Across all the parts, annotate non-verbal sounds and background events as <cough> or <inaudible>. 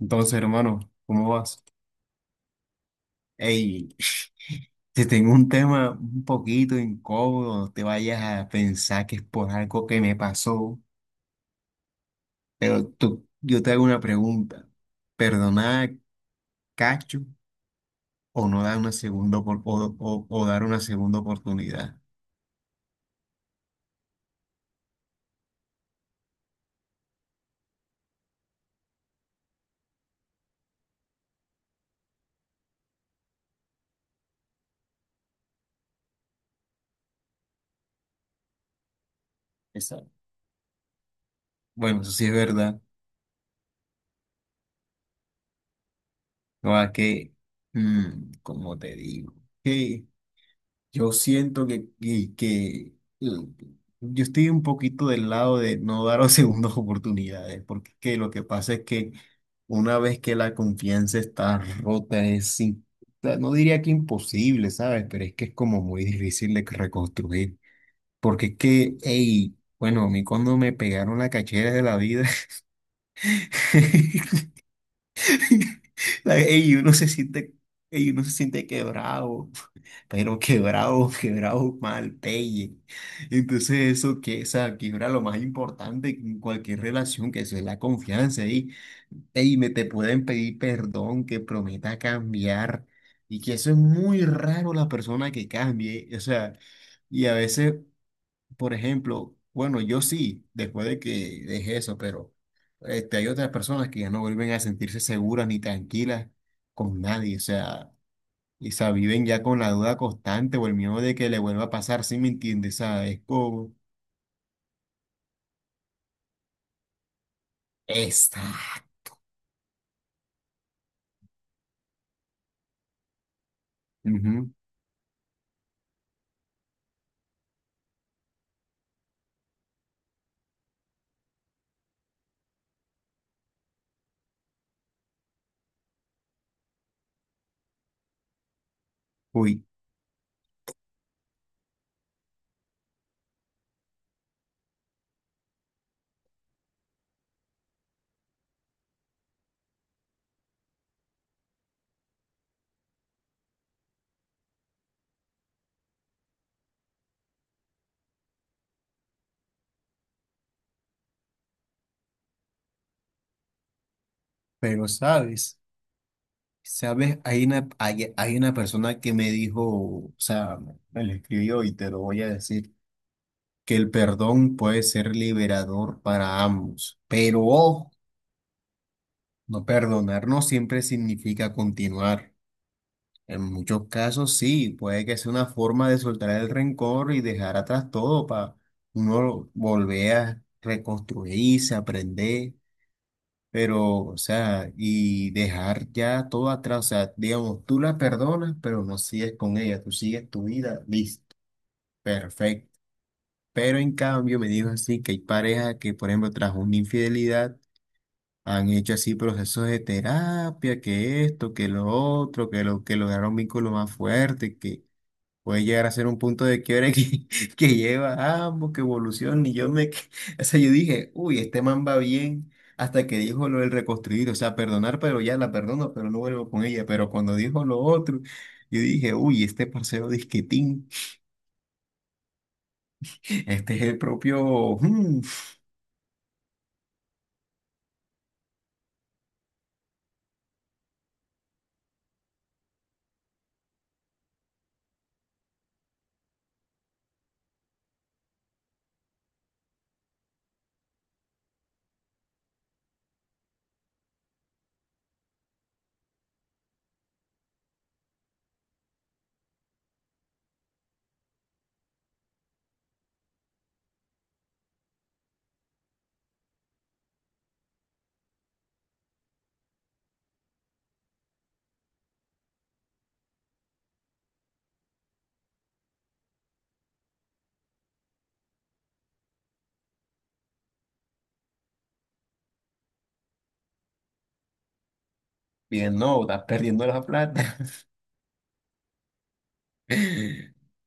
Entonces, hermano, ¿cómo vas? Ey, <laughs> te tengo un tema un poquito incómodo, no te vayas a pensar que es por algo que me pasó, pero yo te hago una pregunta. ¿Perdonar a Cacho o no dar una segunda opor- o dar una segunda oportunidad? Exacto. Bueno, eso sí es verdad. No, como te digo, yo siento que, mm, yo estoy un poquito del lado de no dar <laughs> segundas oportunidades, porque es que lo que pasa es que una vez que la confianza está rota, no diría que imposible, ¿sabes? Pero es que es como muy difícil de reconstruir, porque es que, hey, bueno, a mí cuando me pegaron la cachera de la vida, <laughs> <laughs> Ey, uno se siente, ey, uno se siente quebrado, <laughs> pero quebrado, quebrado mal, pelle. Entonces, eso que, o sea, quiebra lo más importante en cualquier relación, que eso es la confianza. Y, ey, me te pueden pedir perdón, que prometa cambiar. Y que eso es muy raro la persona que cambie. O sea, y a veces, por ejemplo, bueno, yo sí, después de que dejé eso, pero este, hay otras personas que ya no vuelven a sentirse seguras ni tranquilas con nadie, o sea, y se viven ya con la duda constante o el miedo de que le vuelva a pasar, ¿sí me entiendes? O sea, es como, esta. Ujú. Uy, pero sabes, sabes, hay una persona que me dijo, o sea, me lo escribió y te lo voy a decir, que el perdón puede ser liberador para ambos, pero ojo. No perdonar no siempre significa continuar. En muchos casos sí, puede que sea una forma de soltar el rencor y dejar atrás todo para uno volver a reconstruirse, aprender, pero, o sea, y dejar ya todo atrás. O sea, digamos, tú la perdonas, pero no sigues con ella, tú sigues tu vida, listo, perfecto. Pero en cambio me dijo así que hay parejas que, por ejemplo, tras una infidelidad, han hecho así procesos de terapia, que esto, que lo otro, que lo que lograron un vínculo más fuerte, que puede llegar a ser un punto de quiebre que, <laughs> que lleva a ambos, que evoluciona. Y yo <laughs> o sea, yo dije, uy, este man va bien, hasta que dijo lo del reconstruir, o sea, perdonar, pero ya la perdono, pero no vuelvo con ella. Pero cuando dijo lo otro, yo dije, uy, este parcero disquetín, <laughs> este es el propio, bien, no, estás perdiendo la plata, <laughs>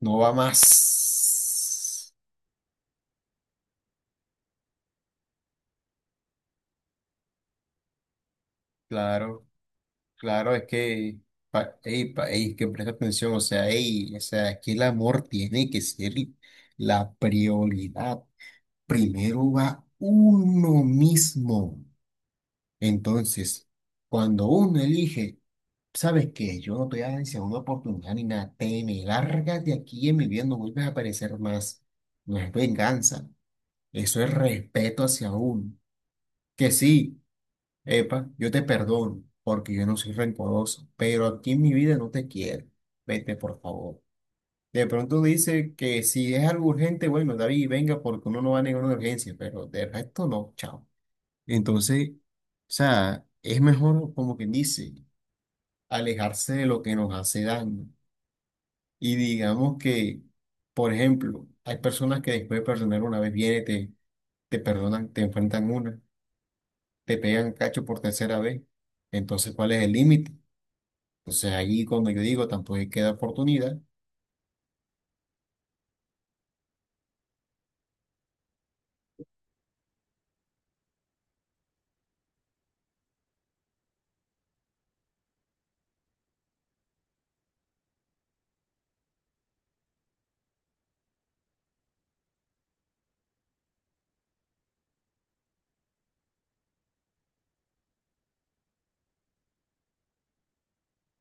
no va más. Claro, claro, es que, ey, que presta atención, o sea, ey, o sea, es que el amor tiene que ser la prioridad. Primero va uno mismo. Entonces, cuando uno elige, ¿sabes qué? Yo no te voy a dar segunda oportunidad ni nada, te me largas de aquí en mi vida, no vuelves a aparecer más. No es venganza, eso es respeto hacia uno. Que sí. Epa, yo te perdono porque yo no soy rencoroso, pero aquí en mi vida no te quiero. Vete, por favor. De pronto dice que si es algo urgente, bueno, David, venga porque uno no va a negar una urgencia, pero de resto no, chao. Entonces, o sea, es mejor, como quien dice, alejarse de lo que nos hace daño. Y digamos que, por ejemplo, hay personas que después de perdonar una vez, te perdonan, te pegan cacho por 3.ª vez. Entonces, ¿cuál es el límite? Entonces ahí cuando yo digo tampoco es que da oportunidad,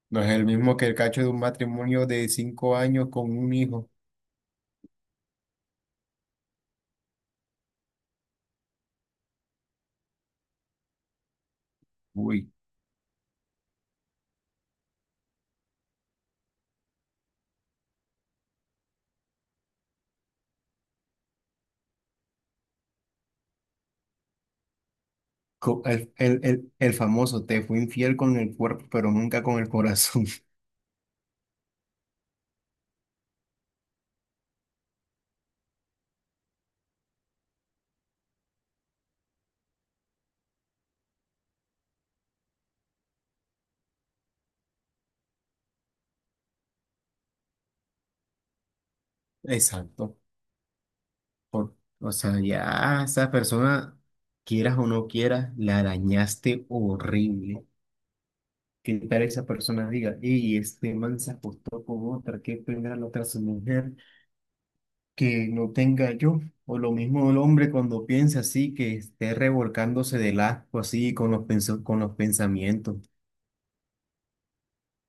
no es el mismo que el cacho de un matrimonio de 5 años con un hijo. Uy, el, el, famoso te fue infiel con el cuerpo, pero nunca con el corazón. <laughs> Exacto. Por- o sea, ya a esa persona, quieras o no quieras, la arañaste horrible. ¿Qué tal esa persona diga, y este man se acostó con otra, qué pena la otra su mujer? Que no tenga yo, o lo mismo el hombre cuando piensa así, que esté revolcándose del asco así con con los pensamientos.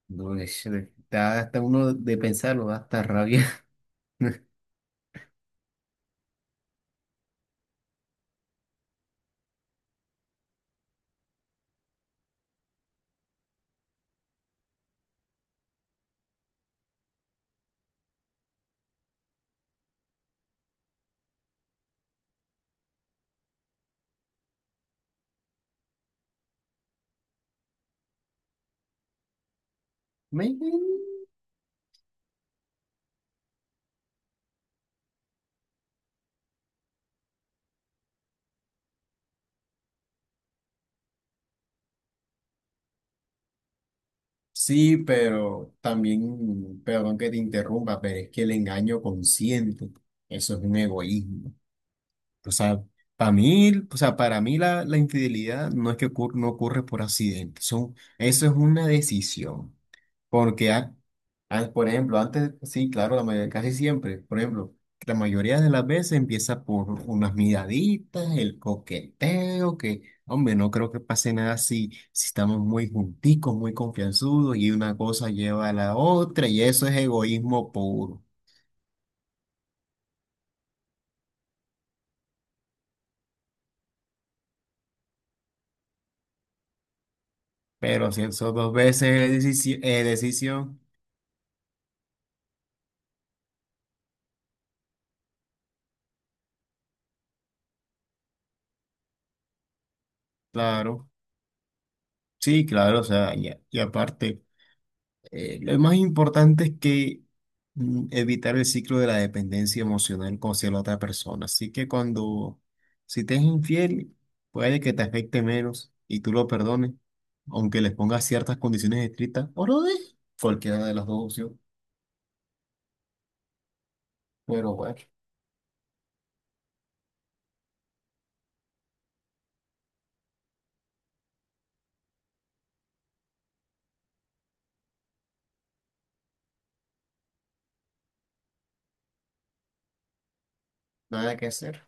No, es- da hasta uno de pensarlo, da hasta rabia. <laughs> Me- Sí, pero también, perdón que te interrumpa, pero es que el engaño consciente, eso es un egoísmo. O sea, para mí, o sea, para mí la infidelidad no ocurre por accidente, son, eso es una decisión. Porque, por ejemplo, antes, sí, claro, la mayoría, casi siempre, por ejemplo, la mayoría de las veces empieza por unas miraditas, el coqueteo, que, hombre, no creo que pase nada si, si estamos muy junticos, muy confianzudos y una cosa lleva a la otra y eso es egoísmo puro. Pero si son 2 veces es decisión, decisión, claro, sí, claro, o sea, y aparte. Lo más importante es que evitar el ciclo de la dependencia emocional con hacia la otra persona. Así que cuando, si te es infiel, puede que te afecte menos y tú lo perdones, aunque les pongas ciertas condiciones estrictas, o no dejes cualquiera de las dos opciones. Pero bueno, nada que hacer.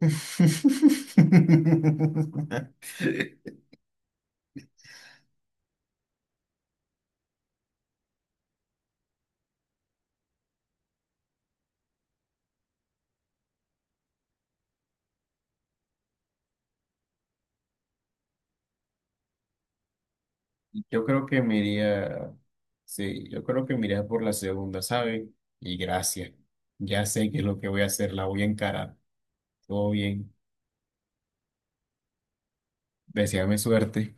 <laughs> Yo creo que me iría, sí, yo creo que me iría por la segunda, ¿sabes? Y gracias. Ya sé que es lo que voy a hacer, la voy a encarar. Todo bien. Deseame suerte.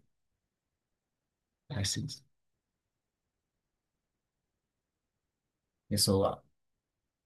Gracias. Eso va.